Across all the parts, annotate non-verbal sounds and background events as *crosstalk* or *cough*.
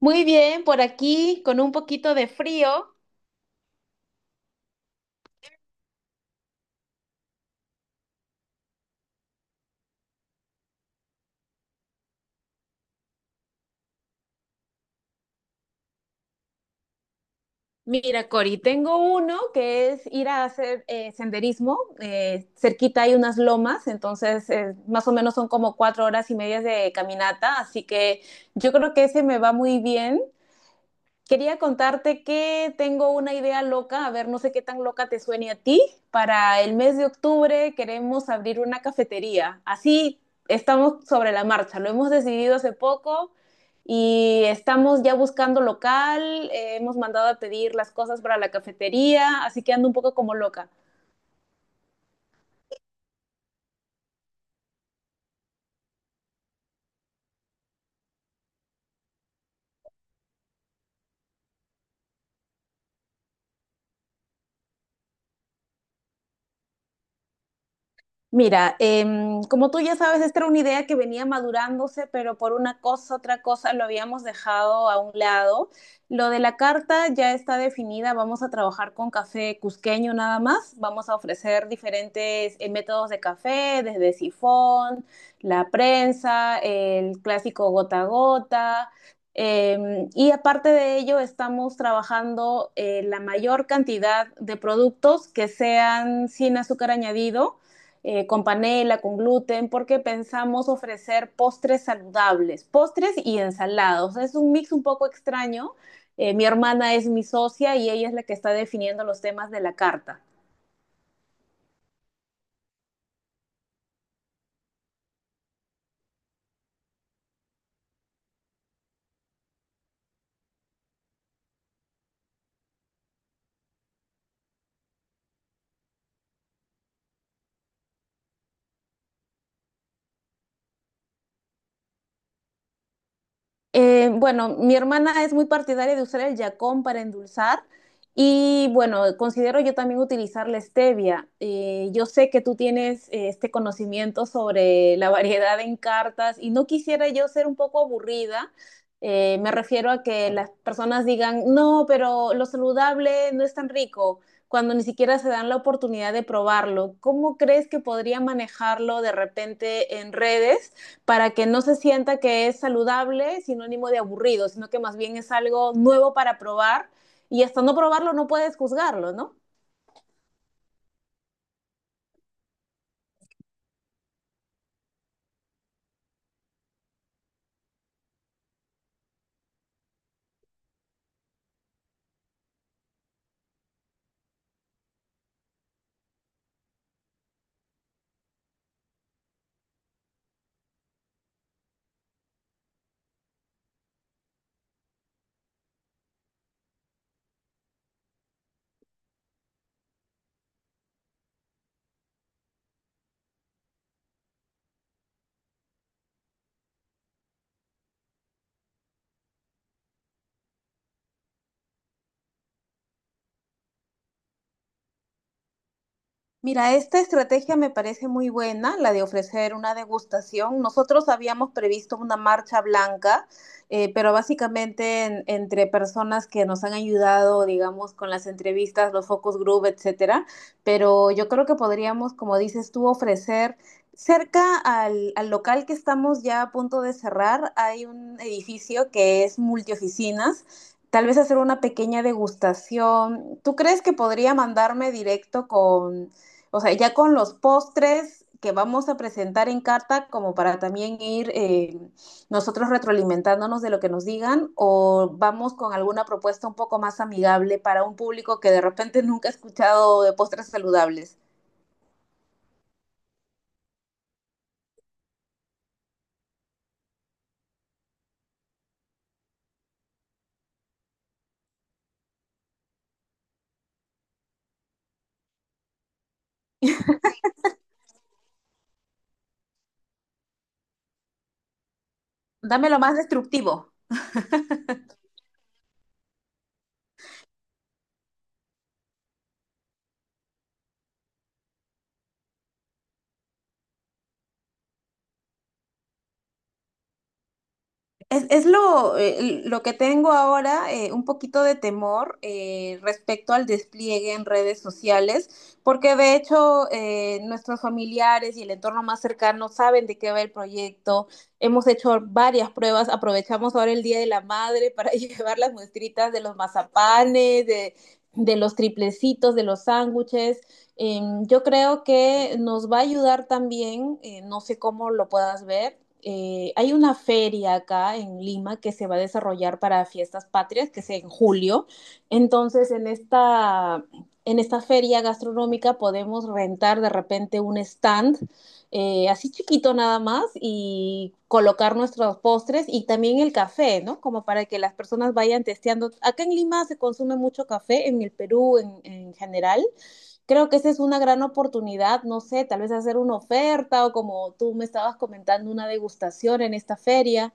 Muy bien, por aquí con un poquito de frío. Mira, Cori, tengo uno que es ir a hacer senderismo. Cerquita hay unas lomas, entonces más o menos son como 4 horas y medias de caminata, así que yo creo que ese me va muy bien. Quería contarte que tengo una idea loca, a ver, no sé qué tan loca te suene a ti. Para el mes de octubre queremos abrir una cafetería. Así estamos sobre la marcha, lo hemos decidido hace poco y estamos ya buscando local, hemos mandado a pedir las cosas para la cafetería, así que ando un poco como loca. Mira, como tú ya sabes, esta era una idea que venía madurándose, pero por una cosa, otra cosa, lo habíamos dejado a un lado. Lo de la carta ya está definida, vamos a trabajar con café cusqueño nada más, vamos a ofrecer diferentes métodos de café, desde sifón, la prensa, el clásico gota a gota. Y aparte de ello, estamos trabajando la mayor cantidad de productos que sean sin azúcar añadido con panela, con gluten, porque pensamos ofrecer postres saludables, postres y ensalados. Es un mix un poco extraño. Mi hermana es mi socia y ella es la que está definiendo los temas de la carta. Bueno, mi hermana es muy partidaria de usar el yacón para endulzar y bueno, considero yo también utilizar la stevia. Yo sé que tú tienes este conocimiento sobre la variedad en cartas y no quisiera yo ser un poco aburrida. Me refiero a que las personas digan, no, pero lo saludable no es tan rico, cuando ni siquiera se dan la oportunidad de probarlo. ¿Cómo crees que podría manejarlo de repente en redes? Para que no se sienta que es saludable, sinónimo de aburrido, sino que más bien es algo nuevo para probar y hasta no probarlo no puedes juzgarlo, ¿no? Mira, esta estrategia me parece muy buena, la de ofrecer una degustación. Nosotros habíamos previsto una marcha blanca, pero básicamente entre personas que nos han ayudado, digamos, con las entrevistas, los focus group, etcétera. Pero yo creo que podríamos, como dices tú, ofrecer cerca al local que estamos ya a punto de cerrar, hay un edificio que es multioficinas. Tal vez hacer una pequeña degustación. ¿Tú crees que podría mandarme directo con o sea, ya con los postres que vamos a presentar en carta, como para también ir nosotros retroalimentándonos de lo que nos digan, o vamos con alguna propuesta un poco más amigable para un público que de repente nunca ha escuchado de postres saludables? Dame lo más destructivo. Lo que tengo ahora, un poquito de temor respecto al despliegue en redes sociales, porque de hecho nuestros familiares y el entorno más cercano saben de qué va el proyecto. Hemos hecho varias pruebas, aprovechamos ahora el Día de la Madre para *laughs* llevar las muestritas de los mazapanes, de los triplecitos, de los sándwiches. Yo creo que nos va a ayudar también, no sé cómo lo puedas ver hay una feria acá en Lima que se va a desarrollar para fiestas patrias, que es en julio. Entonces, en esta feria gastronómica podemos rentar de repente un stand, así chiquito nada más, y colocar nuestros postres y también el café, ¿no? Como para que las personas vayan testeando. Acá en Lima se consume mucho café, en el Perú en general creo que esa es una gran oportunidad, no sé, tal vez hacer una oferta o como tú me estabas comentando, una degustación en esta feria.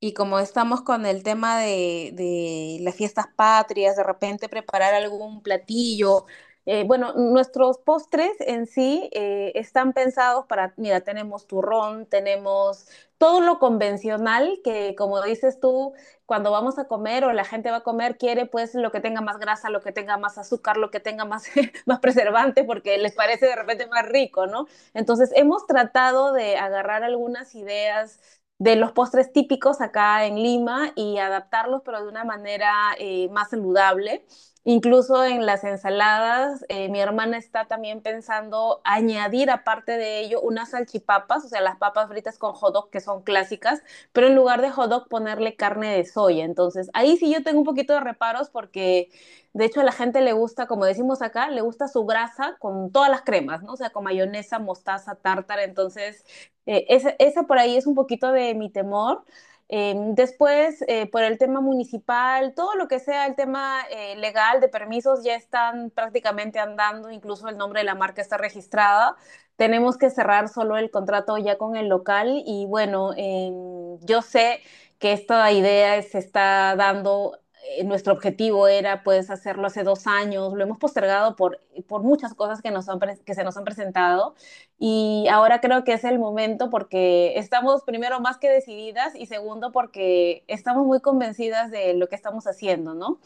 Y como estamos con el tema de las fiestas patrias, de repente preparar algún platillo. Bueno, nuestros postres en sí están pensados para, mira, tenemos turrón, tenemos todo lo convencional que, como dices tú, cuando vamos a comer o la gente va a comer, quiere pues lo que tenga más grasa, lo que tenga más azúcar, lo que tenga más, *laughs* más preservante, porque les parece de repente más rico, ¿no? Entonces, hemos tratado de agarrar algunas ideas de los postres típicos acá en Lima y adaptarlos, pero de una manera más saludable. Incluso en las ensaladas, mi hermana está también pensando añadir aparte de ello unas salchipapas, o sea, las papas fritas con hot dog que son clásicas, pero en lugar de hot dog ponerle carne de soya. Entonces, ahí sí yo tengo un poquito de reparos porque de hecho a la gente le gusta, como decimos acá, le gusta su grasa con todas las cremas, ¿no? O sea, con mayonesa, mostaza, tártara. Entonces, esa por ahí es un poquito de mi temor. Por el tema municipal, todo lo que sea el tema legal de permisos ya están prácticamente andando, incluso el nombre de la marca está registrada. Tenemos que cerrar solo el contrato ya con el local y bueno, yo sé que esta idea se está dando, nuestro objetivo era pues hacerlo hace 2 años, lo hemos postergado por muchas cosas que, nos han que se nos han presentado y ahora creo que es el momento porque estamos primero más que decididas y segundo porque estamos muy convencidas de lo que estamos haciendo, ¿no?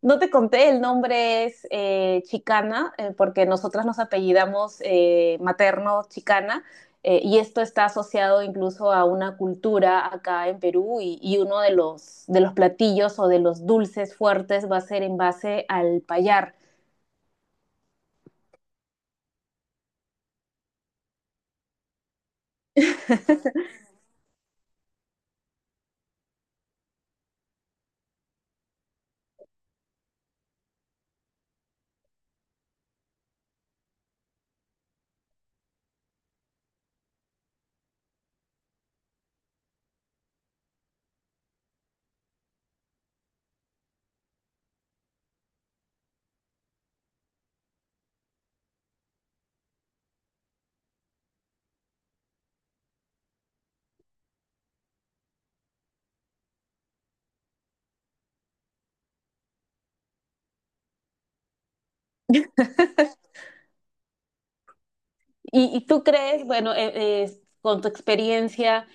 No te conté, el nombre es Chicana porque nosotras nos apellidamos materno Chicana y esto está asociado incluso a una cultura acá en Perú y uno de los platillos o de los dulces fuertes va a ser en base al payar. ¿Y tú crees, bueno, con tu experiencia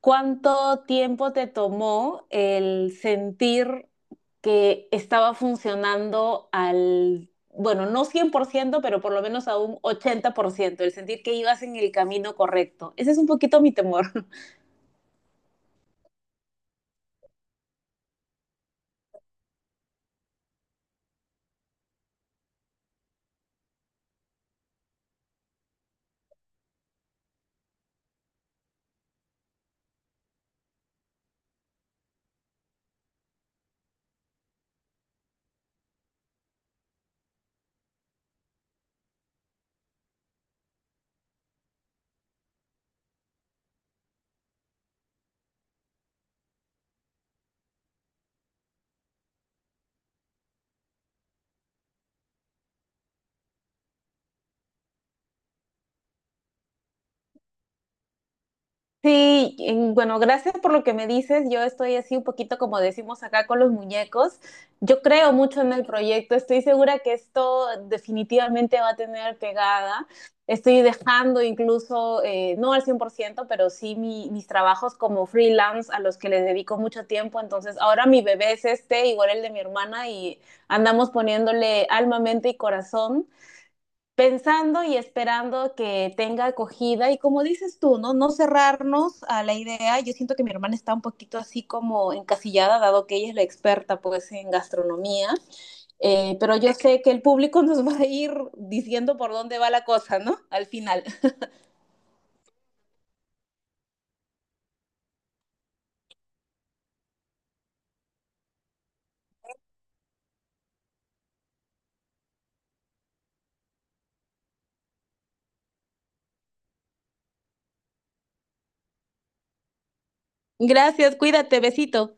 cuánto tiempo te tomó el sentir que estaba funcionando al, bueno, no 100% pero por lo menos a un 80% el sentir que ibas en el camino correcto? Ese es un poquito mi temor. Sí, bueno, gracias por lo que me dices. Yo estoy así un poquito como decimos acá con los muñecos. Yo creo mucho en el proyecto. Estoy segura que esto definitivamente va a tener pegada. Estoy dejando incluso, no al 100%, pero sí mis trabajos como freelance a los que les dedico mucho tiempo. Entonces, ahora mi bebé es este, igual el de mi hermana, y andamos poniéndole alma, mente y corazón pensando y esperando que tenga acogida y como dices tú, ¿no? No cerrarnos a la idea. Yo siento que mi hermana está un poquito así como encasillada, dado que ella es la experta pues en gastronomía, pero yo sé que el público *laughs* nos va a ir diciendo por dónde va la cosa, ¿no? Al final. *laughs* Gracias, cuídate, besito.